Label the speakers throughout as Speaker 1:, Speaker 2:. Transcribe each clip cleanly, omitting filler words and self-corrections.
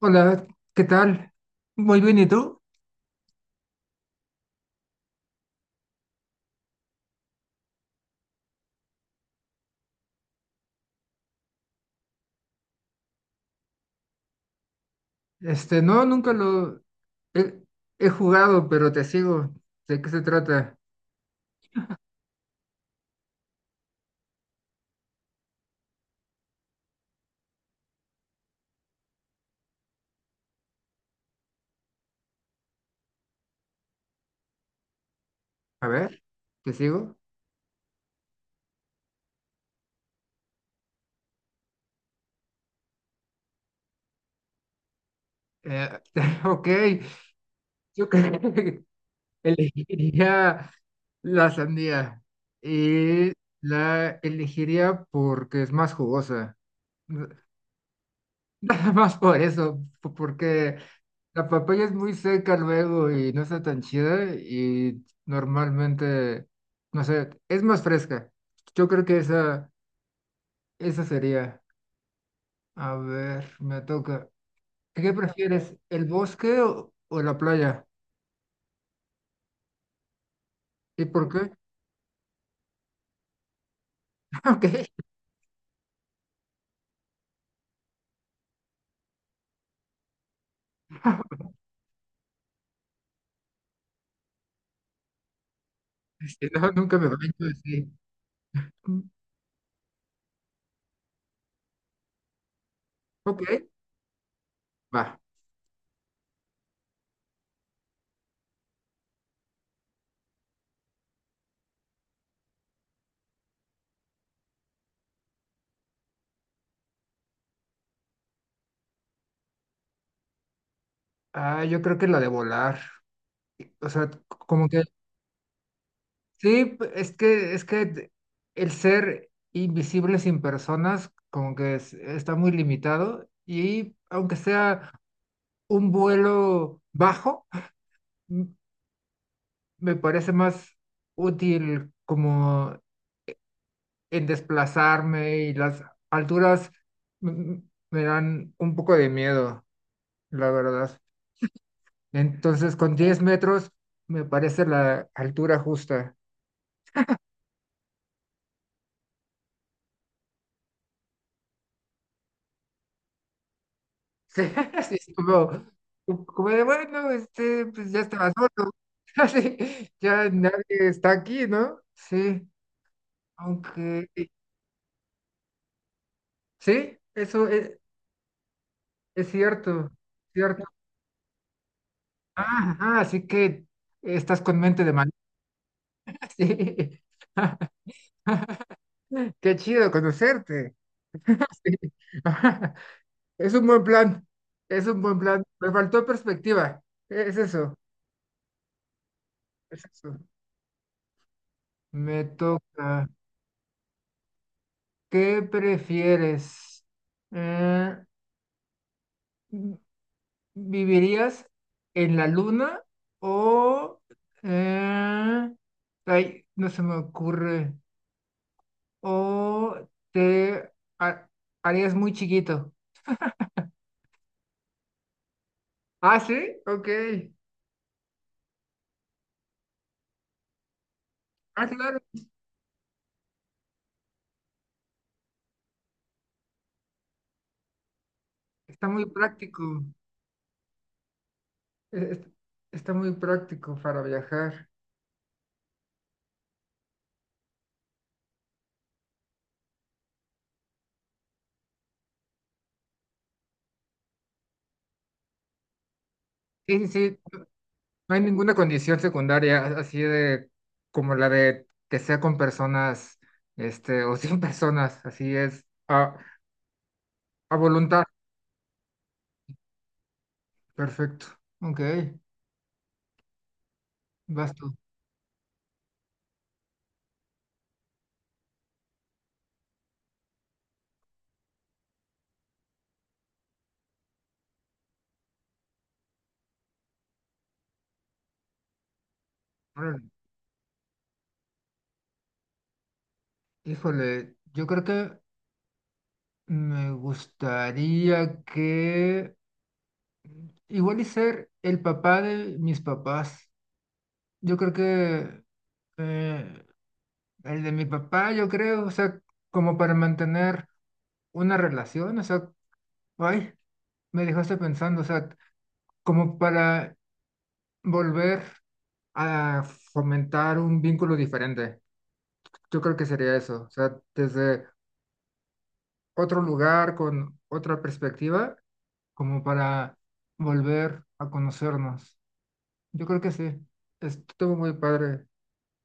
Speaker 1: Hola, ¿qué tal? Muy bien, ¿y tú? Este, no, nunca lo he, he jugado, pero te sigo. ¿De qué se trata? A ver, ¿te sigo? Eh, ok, yo creo que elegiría la sandía y la elegiría porque es más jugosa. Nada más por eso, porque la papaya es muy seca luego y no está tan chida y normalmente, no sé, es más fresca. Yo creo que esa sería. A ver, me toca. ¿Qué prefieres, el bosque o la playa? ¿Y por qué? Ok, si no, nunca me baño así. Mm, ok, va. Ah, yo creo que la de volar. O sea, como que sí, es que el ser invisible sin personas como que está muy limitado y aunque sea un vuelo bajo, m- me parece más útil como en desplazarme y las alturas m- me dan un poco de miedo, la verdad. Entonces con 10 metros me parece la altura justa. Sí, así es como de, bueno, este, pues ya estaba solo. Así, ya nadie está aquí, ¿no? Sí, aunque, sí, eso es cierto, cierto. Ah, ajá, así que estás con mente de manera, sí. Qué chido conocerte. Sí. Es un buen plan, es un buen plan. Me faltó perspectiva, es eso, es eso. Me toca. ¿Qué prefieres? Eh, ¿Vivirías en la luna o eh, ay, no se me ocurre? ¿O te ha- harías muy chiquito? Ah, sí, ok. Ah, claro, está muy práctico. Es- es- Está muy práctico para viajar. Sí, sí, sí. No hay ninguna condición secundaria así de como la de que sea con personas, este, o sin personas, así es, a voluntad. Perfecto. Ok, vas tú. Órale. Híjole, yo creo que me gustaría que igual y ser el papá de mis papás. Yo creo que eh, el de mi papá, yo creo, o sea, como para mantener una relación, o sea, ay, me dejaste pensando, o sea, como para volver a fomentar un vínculo diferente. Yo creo que sería eso, o sea, desde otro lugar, con otra perspectiva, como para volver a conocernos. Yo creo que sí, estuvo muy padre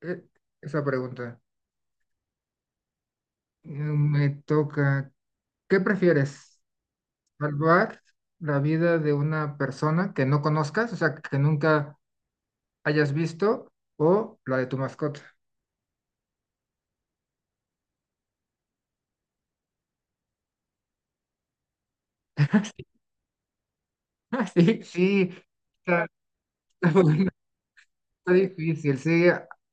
Speaker 1: eh, esa pregunta. Me toca, ¿qué prefieres? ¿Salvar la vida de una persona que no conozcas, o sea, que nunca hayas visto, o la de tu mascota? Ah, sí, sí, está, está bueno, está difícil, sí.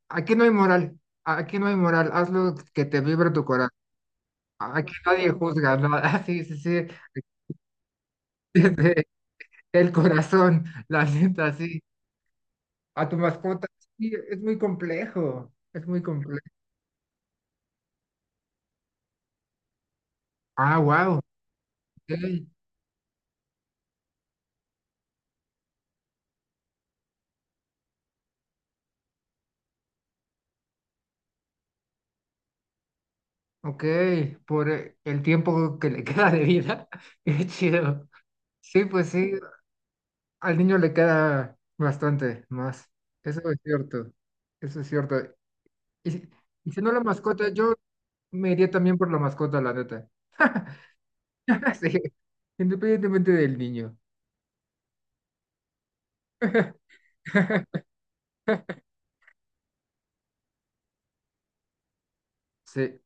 Speaker 1: Aquí no hay moral, aquí no hay moral, haz lo que te vibre tu corazón. Aquí nadie juzga, ¿no? Ah, sí, sí, sí, desde el corazón, la neta, sí. A tu mascota, sí, es muy complejo, es muy complejo. Ah, wow, ok, ok, por el tiempo que le queda de vida, qué chido. Sí, pues sí, al niño le queda bastante más, eso es cierto. Eso es cierto. Y si, y si no la mascota, yo me iría también por la mascota, la neta. Sí, independientemente del niño. Sí,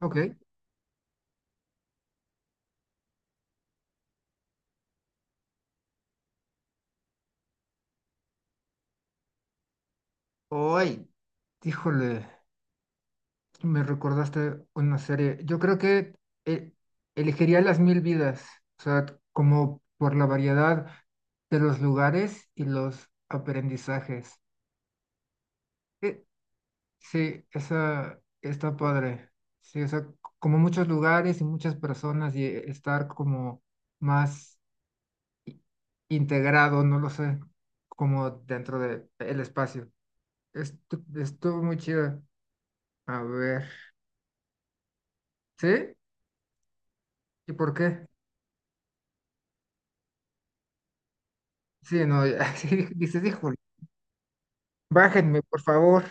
Speaker 1: ok. Ay, híjole, me recordaste una serie. Yo creo que eh, elegiría Las Mil Vidas, o sea, como por la variedad de los lugares y los aprendizajes. Eh, sí, esa está padre. Sí, o sea, como muchos lugares y muchas personas y estar como más integrado, no lo sé, como dentro de el espacio. Estuvo muy chido. A ver, ¿sí? ¿Y por qué? Sí, no, ya, sí, dices, híjole, bájenme, por favor.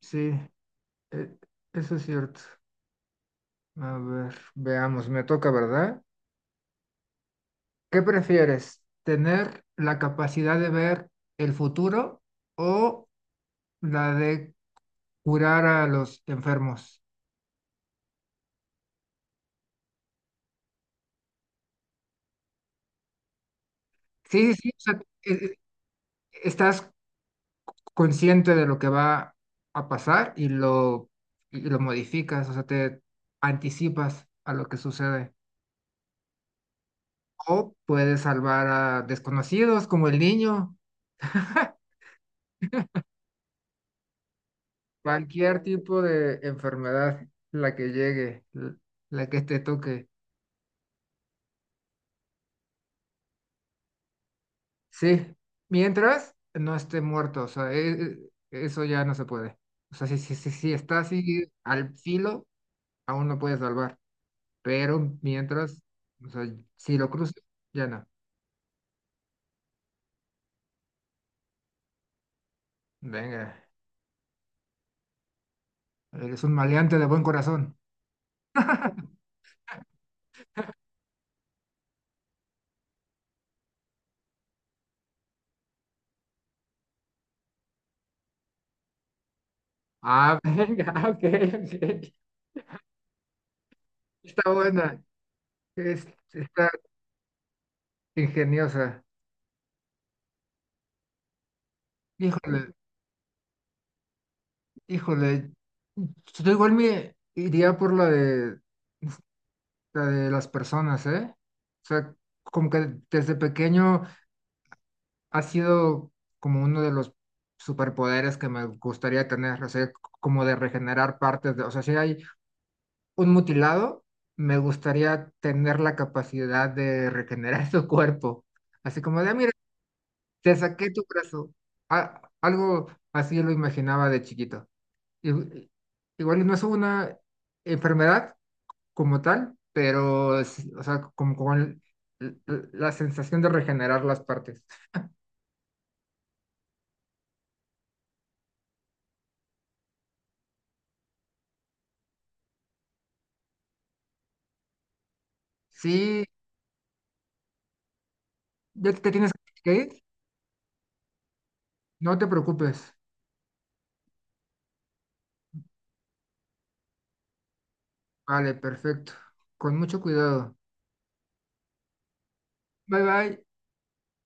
Speaker 1: Sí, e- eso es cierto. A ver, veamos, me toca, ¿verdad? ¿Qué prefieres? ¿Tener la capacidad de ver el futuro o la de curar a los enfermos? Sí, sí, sí, o sea, estás consciente de lo que va a pasar y lo modificas, o sea, te anticipas a lo que sucede. O puedes salvar a desconocidos como el niño, cualquier tipo de enfermedad, la que llegue, la que te toque. Sí, mientras no esté muerto, o sea, eso ya no se puede. O sea, si está así al filo, aún no puedes salvar, pero mientras, o sea, si lo cruzas, ya no. Venga, eres un maleante de buen corazón. Ah, venga, ok, ok. Está buena, es- está ingeniosa. Híjole, híjole. Yo igual me iría por la de las personas, ¿eh? O sea, como que desde pequeño ha sido como uno de los superpoderes que me gustaría tener, o sea, como de regenerar partes de, o sea, sí hay un mutilado, me gustaría tener la capacidad de regenerar su cuerpo. Así como de, "Ah, mira, te saqué tu brazo. Algo así lo imaginaba de chiquito. Y- y- igual y no es una enfermedad como tal, pero, sí, o sea, como con la sensación de regenerar las partes. Sí, ya te tienes que ir. No te preocupes. Vale, perfecto. Con mucho cuidado. Bye bye.